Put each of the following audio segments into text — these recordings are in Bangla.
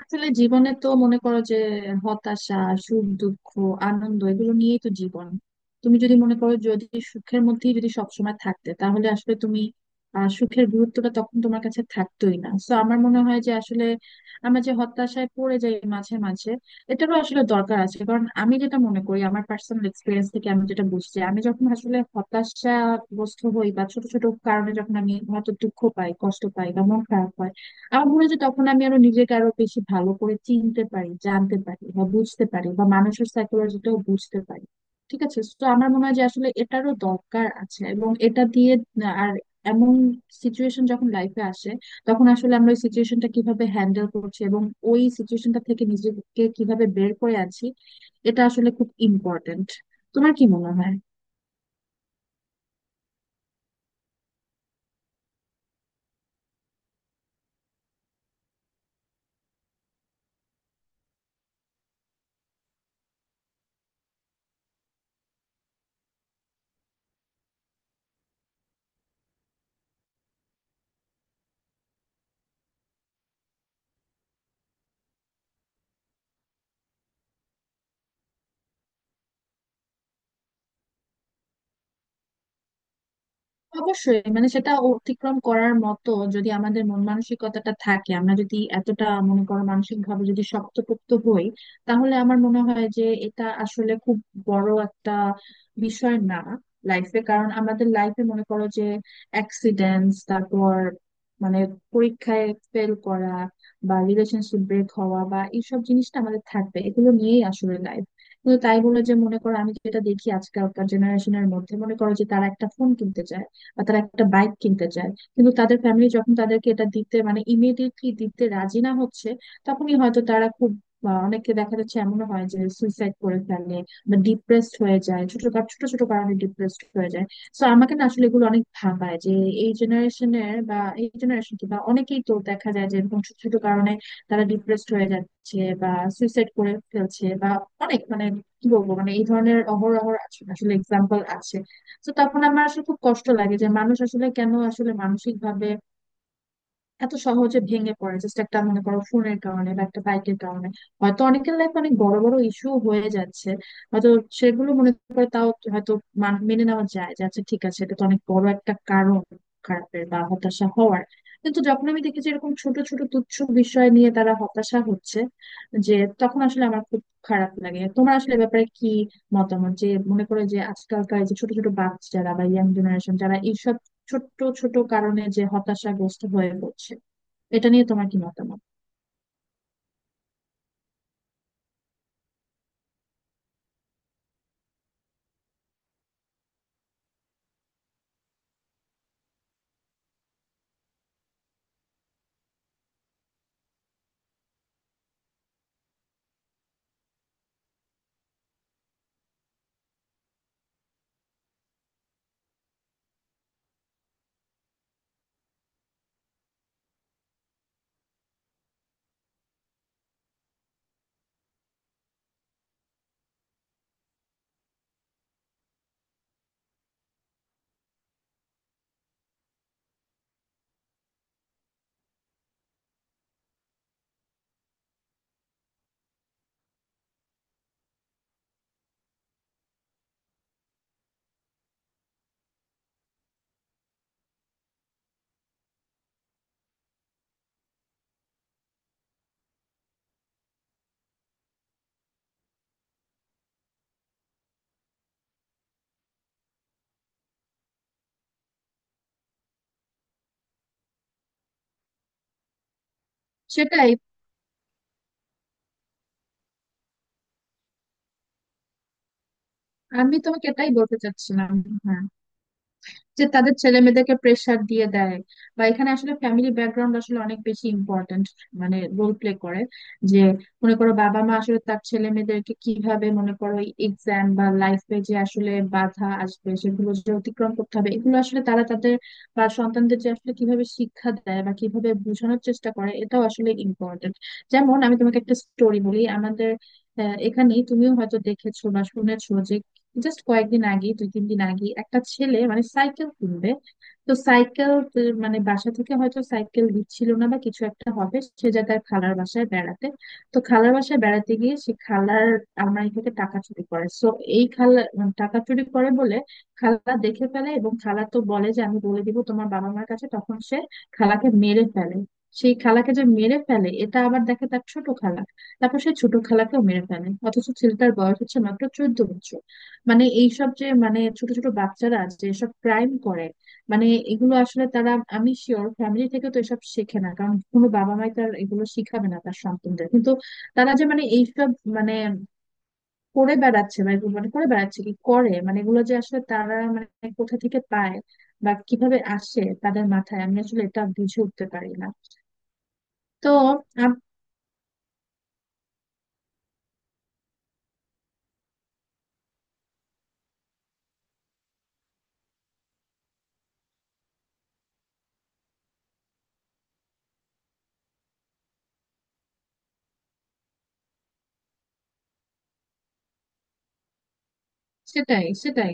আসলে জীবনে তো মনে করো যে হতাশা, সুখ, দুঃখ, আনন্দ এগুলো নিয়েই তো জীবন। তুমি যদি মনে করো, যদি সুখের মধ্যেই যদি সবসময় থাকতে, তাহলে আসলে তুমি সুখের গুরুত্বটা তখন তোমার কাছে থাকতোই না। তো আমার মনে হয় যে আসলে আমরা যে হতাশায় পড়ে যাই মাঝে মাঝে, এটারও আসলে দরকার আছে। কারণ আমি যেটা মনে করি, আমার পার্সোনাল এক্সপিরিয়েন্স থেকে আমি যেটা বুঝছি, আমি যখন আসলে হতাশাগ্রস্ত হই বা ছোট ছোট কারণে যখন আমি হয়তো দুঃখ পাই, কষ্ট পাই বা মন খারাপ হয়, আমার মনে হয় যে তখন আমি আরো নিজেকে আরো বেশি ভালো করে চিনতে পারি, জানতে পারি বা বুঝতে পারি, বা মানুষের সাইকোলজিটাও বুঝতে পারি। ঠিক আছে, তো আমার মনে হয় যে আসলে এটারও দরকার আছে। এবং এটা দিয়ে আর এমন সিচুয়েশন যখন লাইফে আসে, তখন আসলে আমরা ওই সিচুয়েশনটা কিভাবে হ্যান্ডেল করছি এবং ওই সিচুয়েশনটা থেকে নিজেকে কিভাবে বের করে আনছি, এটা আসলে খুব ইম্পর্টেন্ট। তোমার কি মনে হয়? অবশ্যই, মানে সেটা অতিক্রম করার মতো যদি আমাদের মন মানসিকতাটা থাকে, আমরা যদি এতটা মনে করো মানসিক ভাবে যদি শক্তপোক্ত হই, তাহলে আমার মনে হয় যে এটা আসলে খুব বড় একটা বিষয় না লাইফে। কারণ আমাদের লাইফে মনে করো যে অ্যাক্সিডেন্টস, তারপর মানে পরীক্ষায় ফেল করা বা রিলেশনশিপ ব্রেক হওয়া বা এইসব জিনিসটা আমাদের থাকবে, এগুলো নিয়েই আসলে লাইফ। কিন্তু তাই বলে যে মনে করো, আমি যেটা দেখি আজকালকার জেনারেশনের মধ্যে, মনে করো যে তারা একটা ফোন কিনতে চায় বা তারা একটা বাইক কিনতে চায়, কিন্তু তাদের ফ্যামিলি যখন তাদেরকে এটা দিতে, মানে ইমিডিয়েটলি দিতে রাজি না হচ্ছে, তখনই হয়তো তারা খুব অনেকে দেখা যাচ্ছে এমন হয় যে সুইসাইড করে ফেলে বা ডিপ্রেসড হয়ে যায়। ছোট ছোট কারণে ডিপ্রেসড হয়ে যায়। তো আমাকে না আসলে এগুলো অনেক ভাবায় যে এই জেনারেশনের বা এই জেনারেশন কি, বা অনেকেই তো দেখা যায় যে এরকম ছোট ছোট কারণে তারা ডিপ্রেসড হয়ে যাচ্ছে বা সুইসাইড করে ফেলছে বা অনেক মানে কি বলবো, মানে এই ধরনের অহরহ আছে। আসলে এক্সাম্পল আছে। তো তখন আমার আসলে খুব কষ্ট লাগে যে মানুষ আসলে কেন আসলে মানসিক ভাবে এত সহজে ভেঙে পড়ে, জাস্ট একটা মনে করো ফোনের কারণে বা একটা বাইকের কারণে। হয়তো অনেকের লাইফ অনেক বড় বড় ইস্যু হয়ে যাচ্ছে, হয়তো সেগুলো মনে করে তাও হয়তো মেনে নেওয়া যায় যে আচ্ছা ঠিক আছে, এটা তো অনেক বড় একটা কারণ খারাপের বা হতাশা হওয়ার। কিন্তু যখন আমি দেখেছি এরকম ছোট ছোট তুচ্ছ বিষয় নিয়ে তারা হতাশা হচ্ছে, যে তখন আসলে আমার খুব খারাপ লাগে। তোমার আসলে এ ব্যাপারে কি মতামত, যে মনে করে যে আজকালকার যে ছোট ছোট বাচ্চারা বা ইয়াং জেনারেশন যারা এইসব ছোট্ট ছোট কারণে যে হতাশাগ্রস্ত হয়ে পড়ছে, এটা নিয়ে তোমার কি মতামত? সেটাই, আমি তোমাকে এটাই বলতে চাচ্ছিলাম। হ্যাঁ, যে তাদের ছেলে মেয়েদেরকে প্রেসার দিয়ে দেয়, বা এখানে আসলে ফ্যামিলি ব্যাকগ্রাউন্ড আসলে অনেক বেশি ইম্পর্ট্যান্ট, মানে রোল প্লে করে। যে মনে করো বাবা মা আসলে তার ছেলে মেয়েদেরকে কিভাবে, মনে করো এক্সাম বা লাইফে যে আসলে বাধা আসবে সেগুলো যে অতিক্রম করতে হবে, এগুলো আসলে তারা তাদের বা সন্তানদের যে আসলে কিভাবে শিক্ষা দেয় বা কিভাবে বোঝানোর চেষ্টা করে, এটাও আসলে ইম্পর্ট্যান্ট। যেমন আমি তোমাকে একটা স্টোরি বলি আমাদের এখানেই তুমিও হয়তো দেখেছো বা শুনেছো যে জাস্ট কয়েকদিন আগে, দুই তিন দিন আগে, একটা ছেলে মানে সাইকেল কিনবে। তো সাইকেল মানে বাসা থেকে হয়তো সাইকেল দিচ্ছিল না বা কিছু একটা হবে, সে যায় তার খালার বাসায় বেড়াতে। তো খালার বাসায় বেড়াতে গিয়ে সে খালার আলমারি থেকে টাকা চুরি করে। সো এই খালা মানে টাকা চুরি করে বলে, খালা দেখে ফেলে এবং খালা তো বলে যে আমি বলে দিব তোমার বাবা মার কাছে, তখন সে খালাকে মেরে ফেলে। সেই খালাকে যে মেরে ফেলে, এটা আবার দেখে তার ছোট খালা, তারপর সে ছোট খালাকেও মেরে ফেলে। অথচ ছেলেটার বয়স হচ্ছে মাত্র 14 বছর। মানে এইসব যে মানে ছোট ছোট বাচ্চারা যে এসব ক্রাইম করে, মানে এগুলো আসলে তারা, আমি শিওর ফ্যামিলি থেকে তো এসব শেখে না, কারণ কোনো বাবা মাই তার এগুলো শিখাবে না তার সন্তানদের। কিন্তু তারা যে মানে এইসব মানে করে বেড়াচ্ছে বা এগুলো মানে করে বেড়াচ্ছে কি করে, মানে এগুলো যে আসলে তারা মানে কোথা থেকে পায় বা কিভাবে আসে তাদের মাথায়, আমি আসলে এটা বুঝে উঠতে পারি না। তো আম- সেটাই, সেটাই,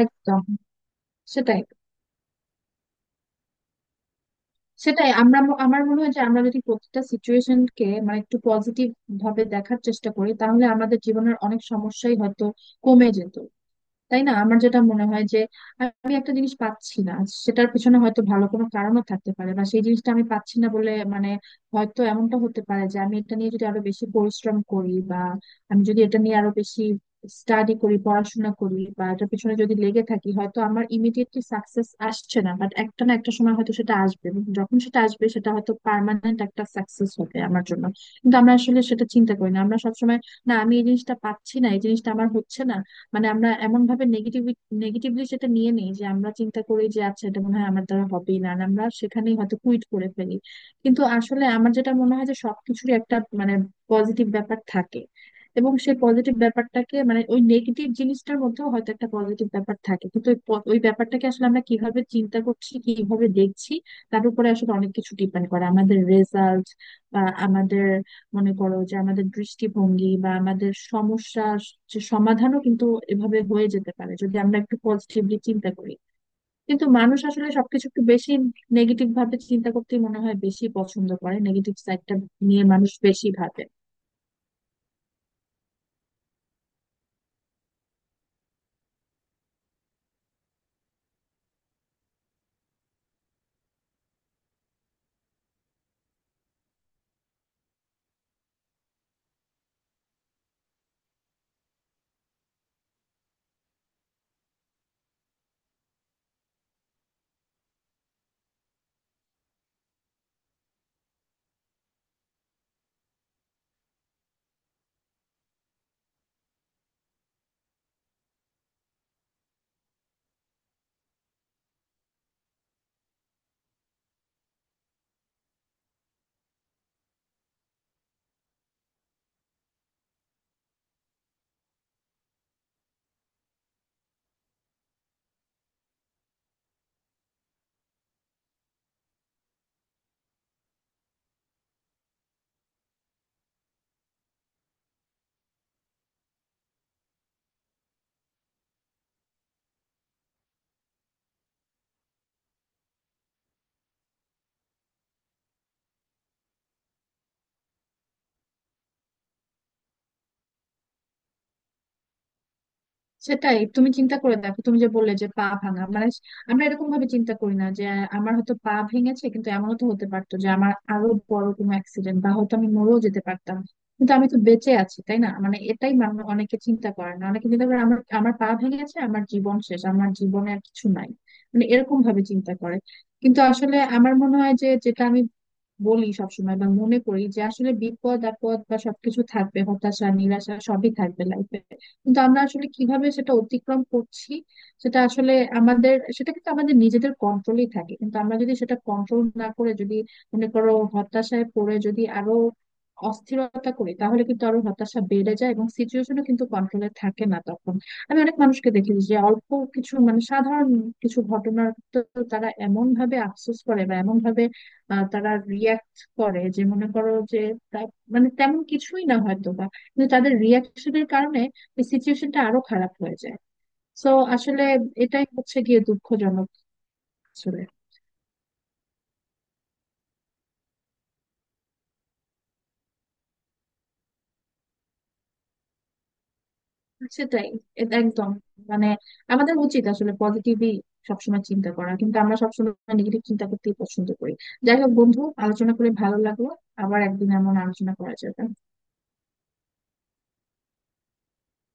একদম। সেটাই, সেটাই, আমার মনে হয় যে আমরা যদি প্রতিটা সিচুয়েশনকে মানে একটু পজিটিভ ভাবে দেখার চেষ্টা করি, তাহলে আমাদের জীবনের অনেক সমস্যাই হয়তো কমে যেত, তাই না? আমার যেটা মনে হয় যে আমি একটা জিনিস পাচ্ছি না, সেটার পিছনে হয়তো ভালো কোনো কারণও থাকতে পারে। বা সেই জিনিসটা আমি পাচ্ছি না বলে মানে হয়তো এমনটা হতে পারে যে আমি এটা নিয়ে যদি আরো বেশি পরিশ্রম করি, বা আমি যদি এটা নিয়ে আরো বেশি স্টাডি করি, পড়াশোনা করি বা এটার পিছনে যদি লেগে থাকি, হয়তো আমার ইমিডিয়েটলি সাকসেস আসছে না, বাট একটা না একটা সময় হয়তো সেটা আসবে। এবং যখন সেটা আসবে সেটা হয়তো পার্মানেন্ট একটা সাকসেস হবে আমার জন্য। কিন্তু আমরা আসলে সেটা চিন্তা করি না, আমরা সবসময় না, আমি এই জিনিসটা পাচ্ছি না, এই জিনিসটা আমার হচ্ছে না, মানে আমরা এমন ভাবে নেগেটিভ নেগেটিভলি সেটা নিয়ে নেই যে আমরা চিন্তা করি যে আচ্ছা এটা মনে হয় আমার দ্বারা হবেই না, আর আমরা সেখানেই হয়তো কুইট করে ফেলি। কিন্তু আসলে আমার যেটা মনে হয় যে সবকিছুরই একটা মানে পজিটিভ ব্যাপার থাকে, এবং সেই পজিটিভ ব্যাপারটাকে মানে ওই নেগেটিভ জিনিসটার মধ্যেও হয়তো একটা পজিটিভ ব্যাপার থাকে। কিন্তু ওই ব্যাপারটাকে আসলে আমরা কিভাবে চিন্তা করছি, কিভাবে দেখছি, তার উপরে আসলে অনেক কিছু ডিপেন্ড করে আমাদের রেজাল্ট বা আমাদের, মনে করো যে আমাদের দৃষ্টিভঙ্গি বা আমাদের সমস্যা যে সমাধানও কিন্তু এভাবে হয়ে যেতে পারে যদি আমরা একটু পজিটিভলি চিন্তা করি। কিন্তু মানুষ আসলে সবকিছু একটু বেশি নেগেটিভ ভাবে চিন্তা করতে মনে হয় বেশি পছন্দ করে। নেগেটিভ সাইডটা নিয়ে মানুষ বেশি ভাবে। সেটাই, তুমি চিন্তা করে দেখো, তুমি যে বললে যে পা ভাঙা, মানে আমরা এরকম ভাবে চিন্তা করি না যে আমার হয়তো পা ভেঙেছে, কিন্তু এমনও তো হতে পারতো যে আমার আরো বড় কোনো অ্যাক্সিডেন্ট বা হয়তো আমি মরেও যেতে পারতাম। কিন্তু আমি তো বেঁচে আছি, তাই না? মানে এটাই মানুষ অনেকে চিন্তা করে না, অনেকে চিন্তা করে আমার আমার পা ভেঙেছে, আমার জীবন শেষ, আমার জীবনে আর কিছু নাই, মানে এরকম ভাবে চিন্তা করে। কিন্তু আসলে আমার মনে হয় যে, যেটা আমি বলি সবসময় বা মনে করি যে আসলে বিপদ আপদ বা সবকিছু থাকবে, হতাশা নিরাশা সবই থাকবে লাইফে, কিন্তু আমরা আসলে কিভাবে সেটা অতিক্রম করছি সেটা আসলে, আমাদের সেটা কিন্তু আমাদের নিজেদের কন্ট্রোলেই থাকে। কিন্তু আমরা যদি সেটা কন্ট্রোল না করে, যদি মনে করো হতাশায় পড়ে যদি আরো অস্থিরতা করি, তাহলে কিন্তু আরো হতাশা বেড়ে যায় এবং সিচুয়েশনও কিন্তু কন্ট্রোলে থাকে না তখন। আমি অনেক মানুষকে দেখি যে অল্প কিছু মানে সাধারণ কিছু ঘটনার তো তারা এমন ভাবে আফসোস করে বা এমন ভাবে তারা রিয়াক্ট করে যে মনে করো যে তা- মানে তেমন কিছুই না হয়তো, বা কিন্তু তাদের রিয়াকশনের কারণে এই সিচুয়েশনটা আরো খারাপ হয়ে যায়। তো আসলে এটাই হচ্ছে গিয়ে দুঃখজনক। আসলে সেটাই, একদম, মানে আমাদের উচিত আসলে পজিটিভই সবসময় চিন্তা করা, কিন্তু আমরা সবসময় নেগেটিভ চিন্তা করতেই পছন্দ করি। যাই হোক, বন্ধু, আলোচনা করে ভালো লাগলো। আবার একদিন এমন আলোচনা করা যাবে।